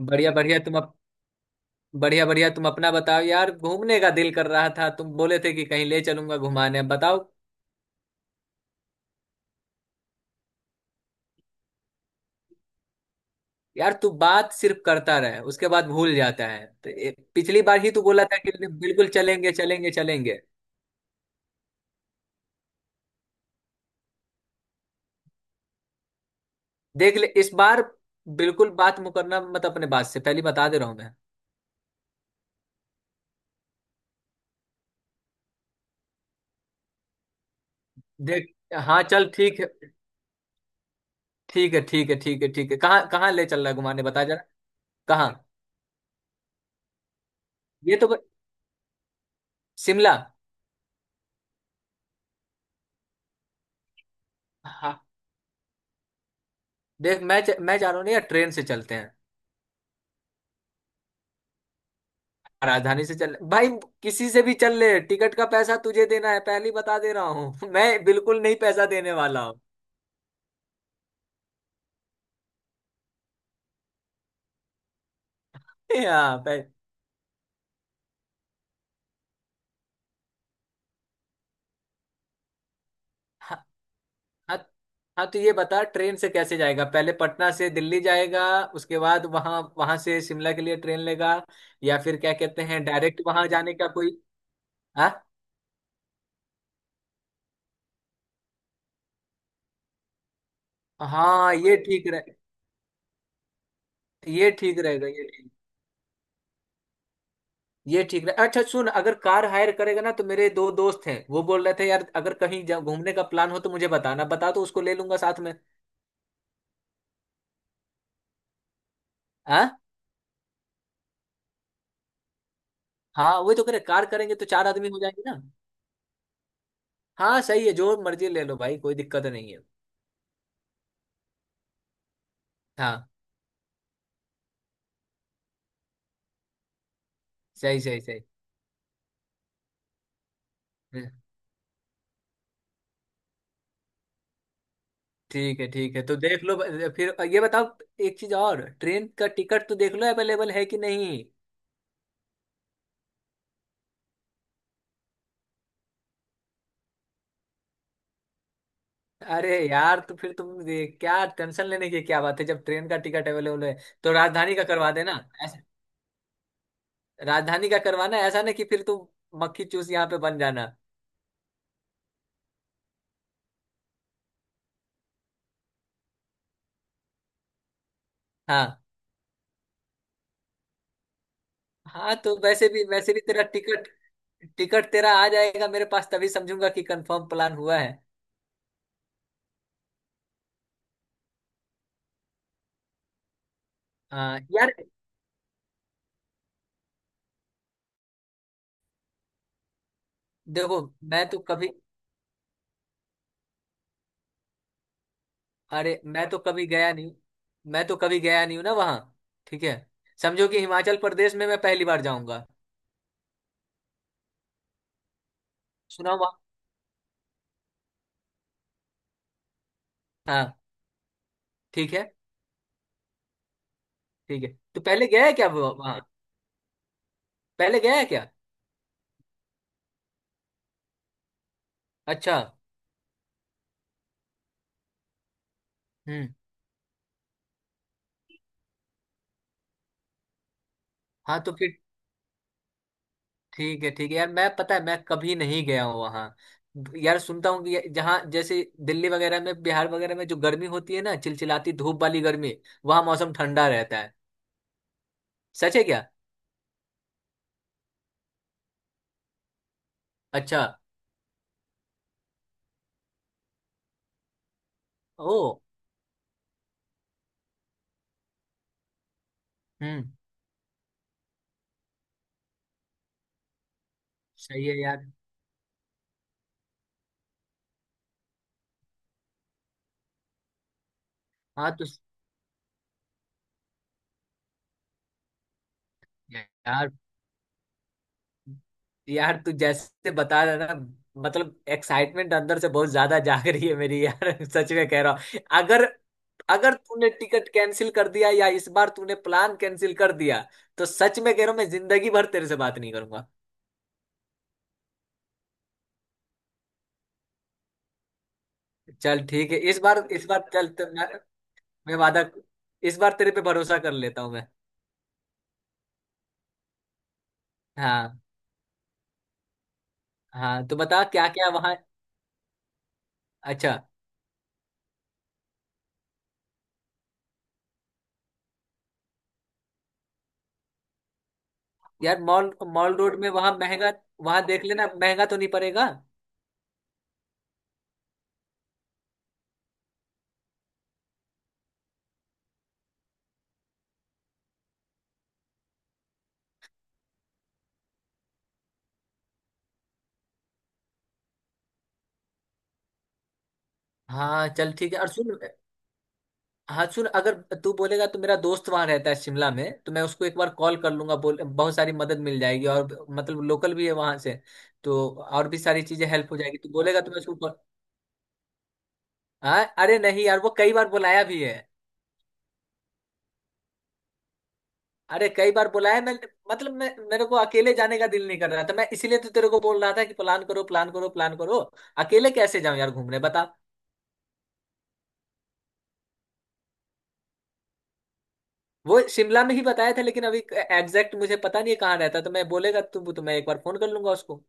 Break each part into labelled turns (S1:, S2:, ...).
S1: बढ़िया बढ़िया तुम अप, बढ़िया बढ़िया तुम अपना बताओ यार, घूमने का दिल कर रहा था। तुम बोले थे कि कहीं ले चलूंगा घुमाने, अब बताओ। यार, तू बात सिर्फ करता रहे, उसके बाद भूल जाता है। तो पिछली बार ही तू बोला था कि बिल्कुल चलेंगे चलेंगे चलेंगे। देख ले इस बार, बिल्कुल बात मुकरना मत अपने बात से। पहले बता दे रहा हूं मैं। देख। हाँ, चल ठीक है। ठीक है, ठीक है, ठीक है, ठीक है, कहाँ कहाँ ले चल रहा है घुमाने, बता जरा। कहाँ? ये तो ब- शिमला। हाँ। देख, मैं जा रहा हूँ ना यार, ट्रेन से चलते हैं। राजधानी से चल भाई। किसी से भी चल ले, टिकट का पैसा तुझे देना है, पहले ही बता दे रहा हूँ मैं बिल्कुल नहीं पैसा देने वाला हूँ। हाँ। हाँ हाँ। हाँ, तो ये बता ट्रेन से कैसे जाएगा? पहले पटना से दिल्ली जाएगा, उसके बाद वहां वहां से शिमला के लिए ट्रेन लेगा? या फिर क्या कहते हैं, डायरेक्ट वहां जाने का कोई? हाँ। हाँ, ये ठीक रहे। ये ठीक रहेगा, ये ठीक। ये ठीक रहे। अच्छा सुन, अगर कार हायर करेगा ना, तो मेरे दो दोस्त हैं, वो बोल रहे थे यार, अगर कहीं घूमने का प्लान हो तो मुझे बताना, बता तो उसको ले लूंगा साथ में। हाँ। हाँ, वही तो कह रहे, कार करेंगे तो चार आदमी हो जाएंगे ना। हाँ सही है, जो मर्जी ले लो भाई, कोई दिक्कत नहीं है। हाँ। सही सही सही। हम्म, ठीक है, ठीक है, तो देख लो। फिर ये बताओ, एक चीज और, ट्रेन का टिकट तो देख लो अवेलेबल है कि नहीं। अरे यार, तो फिर तुम ये क्या टेंशन लेने की क्या बात है, जब ट्रेन का टिकट अवेलेबल है। तो राजधानी का करवा देना। ऐसा। राजधानी का करवाना, ऐसा ना कि फिर तुम मक्खी चूस यहाँ पे बन जाना। हाँ। हाँ, तो वैसे भी तेरा टिकट टिकट तेरा आ जाएगा मेरे पास, तभी समझूंगा कि कंफर्म प्लान हुआ है। हाँ यार। देखो। मैं तो कभी। अरे, मैं तो कभी गया नहीं हूँ। मैं तो कभी गया नहीं हूँ ना वहाँ। ठीक है। समझो कि हिमाचल प्रदेश में मैं पहली बार जाऊंगा। सुना हुआ। हाँ। ठीक है, ठीक है। तो पहले गया है क्या वो वहाँ? पहले गया है क्या? अच्छा। हम्म। हाँ तो फिर। ठीक है, ठीक है यार, मैं पता है मैं कभी नहीं गया हूँ वहाँ। यार सुनता हूँ कि जहाँ, जैसे दिल्ली वगैरह में, बिहार वगैरह में जो गर्मी होती है ना, चिलचिलाती धूप वाली गर्मी, वहाँ मौसम ठंडा रहता है, सच है क्या? अच्छा। ओ। हम्म। सही है यार। हाँ तो। यार यार, तू जैसे बता रहा है ना, मतलब एक्साइटमेंट अंदर से बहुत ज्यादा जाग रही है मेरी यार। सच में कह रहा हूँ, अगर, अगर तूने टिकट कैंसिल कर दिया या इस बार तूने प्लान कैंसिल कर दिया, तो सच में कह रहा हूँ मैं जिंदगी भर तेरे से बात नहीं करूंगा। चल ठीक है, इस बार चल। तो मैं वादा, इस बार तेरे पे भरोसा कर लेता हूँ मैं। हाँ। हाँ, तो बता क्या क्या वहाँ। अच्छा। यार, मॉल मॉल रोड में वहाँ महंगा, वहाँ देख लेना महंगा तो नहीं पड़ेगा। हाँ चल ठीक है, और सुन। हाँ सुन, अगर तू बोलेगा तो मेरा दोस्त वहां रहता है शिमला में, तो मैं उसको एक बार कॉल कर लूंगा, बोल बहुत सारी मदद मिल जाएगी, और मतलब लोकल भी है वहां से, तो और भी सारी चीजें हेल्प हो जाएगी। तू बोलेगा तो मैं उसको हाँ। अरे नहीं यार, वो कई बार बुलाया भी है। अरे कई बार बुलाया। मैं मतलब, मैं, मेरे को अकेले जाने का दिल नहीं कर रहा था, मैं इसीलिए तो तेरे को बोल रहा था कि प्लान करो प्लान करो प्लान करो। अकेले कैसे जाऊं यार घूमने, बता। वो शिमला में ही बताया था, लेकिन अभी एग्जैक्ट मुझे पता नहीं है कहाँ रहता, तो मैं, बोलेगा तू तो मैं एक बार फोन कर लूंगा उसको।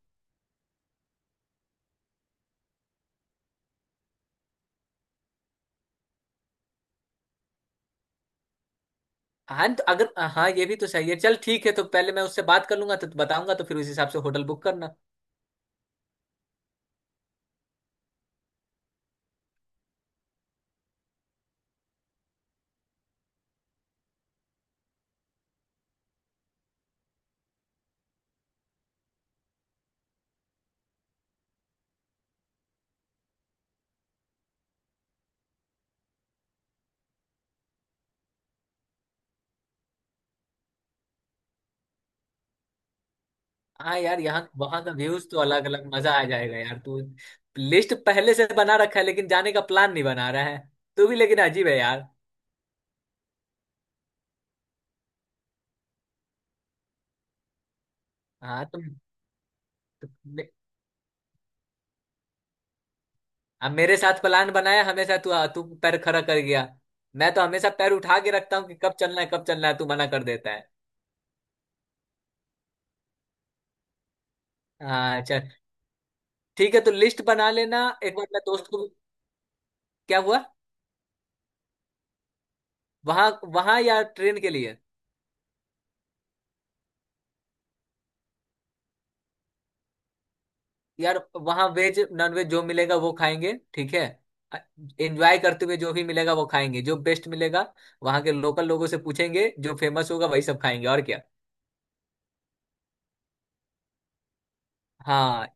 S1: हाँ तो अगर, हाँ ये भी तो सही है। चल ठीक है, तो पहले मैं उससे बात कर लूंगा तो बताऊंगा, तो फिर उस हिसाब से होटल बुक करना। हाँ यार, यहाँ वहाँ का व्यूज तो अलग अलग, मजा आ जाएगा यार। तू लिस्ट पहले से बना रखा है लेकिन जाने का प्लान नहीं बना रहा है, तू भी लेकिन अजीब है यार। हाँ तुम। तु, मे, अब मेरे साथ प्लान बनाया हमेशा, तू तू पैर खड़ा कर गया। मैं तो हमेशा पैर उठा के रखता हूँ कि कब चलना है कब चलना है, तू मना कर देता है। हाँ चल ठीक है, तो लिस्ट बना लेना, एक बार मैं दोस्त को। क्या हुआ? वहाँ? वहाँ या ट्रेन के लिए? यार, वहां वेज नॉन वेज जो मिलेगा वो खाएंगे, ठीक है। एंजॉय करते हुए जो भी मिलेगा वो खाएंगे, जो बेस्ट मिलेगा। वहां के लोकल लोगों से पूछेंगे, जो फेमस होगा वही सब खाएंगे, और क्या। हाँ।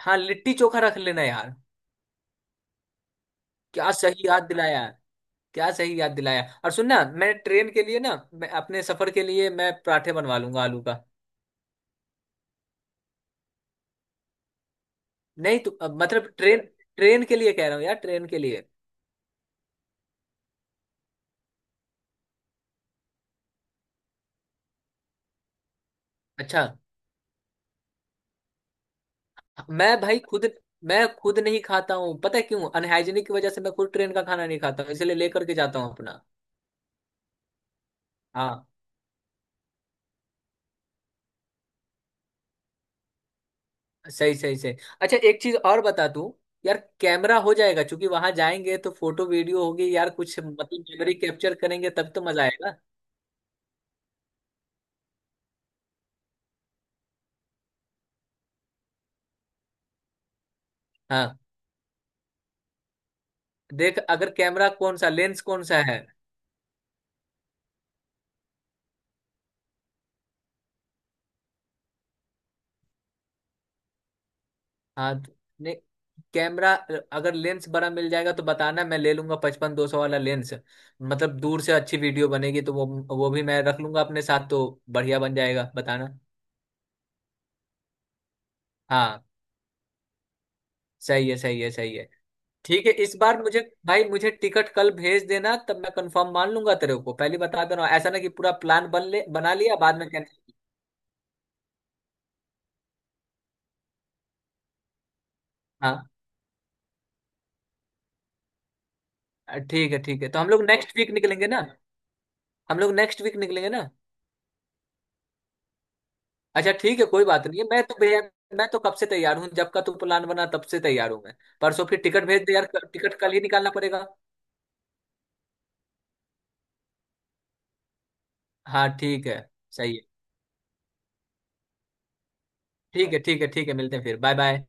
S1: हाँ, लिट्टी चोखा रख लेना यार। क्या सही याद दिलाया। क्या सही याद दिलाया, और सुन ना, मैं ट्रेन के लिए ना, मैं अपने सफर के लिए, मैं पराठे बनवा लूंगा आलू का। नहीं तो, मतलब ट्रेन, ट्रेन के लिए कह रहा हूँ यार, ट्रेन के लिए। अच्छा। मैं भाई खुद, मैं खुद नहीं खाता हूँ, पता है क्यों? अनहाइजीनिक की वजह से मैं खुद ट्रेन का खाना नहीं खाता हूँ, इसलिए लेकर के जाता हूँ अपना। हाँ। सही सही सही। अच्छा एक चीज और, बता तू, यार कैमरा हो जाएगा क्योंकि वहां जाएंगे तो फोटो वीडियो होगी यार कुछ, मतलब मेमोरी कैप्चर करेंगे तब तो मजा आएगा। हाँ। देख अगर कैमरा, कौन सा लेंस कौन सा है? हाँ तो। नहीं। कैमरा। अगर लेंस बड़ा मिल जाएगा तो बताना, मैं ले लूंगा, 55-200 वाला लेंस, मतलब दूर से अच्छी वीडियो बनेगी, तो वो भी मैं रख लूंगा अपने साथ, तो बढ़िया बन जाएगा, बताना। हाँ। सही है, सही है, सही है। ठीक है, इस बार मुझे, भाई मुझे टिकट कल भेज देना, तब मैं कंफर्म मान लूंगा, तेरे को पहले बता दे रहा हूँ, ऐसा ना कि पूरा प्लान बन ले बना लिया, बाद में कैंसिल। हाँ ठीक है, ठीक है, तो हम लोग नेक्स्ट वीक निकलेंगे ना? हम लोग नेक्स्ट वीक निकलेंगे ना? अच्छा ठीक है, कोई बात नहीं है, मैं तो भैया, मैं तो कब से तैयार हूँ, जब का तू प्लान बना तब से तैयार हूँ मैं। परसों फिर टिकट भेज दे यार, टिकट कल ही निकालना पड़ेगा। हाँ ठीक है। सही है। ठीक है, ठीक है, ठीक है, मिलते हैं फिर, बाय बाय।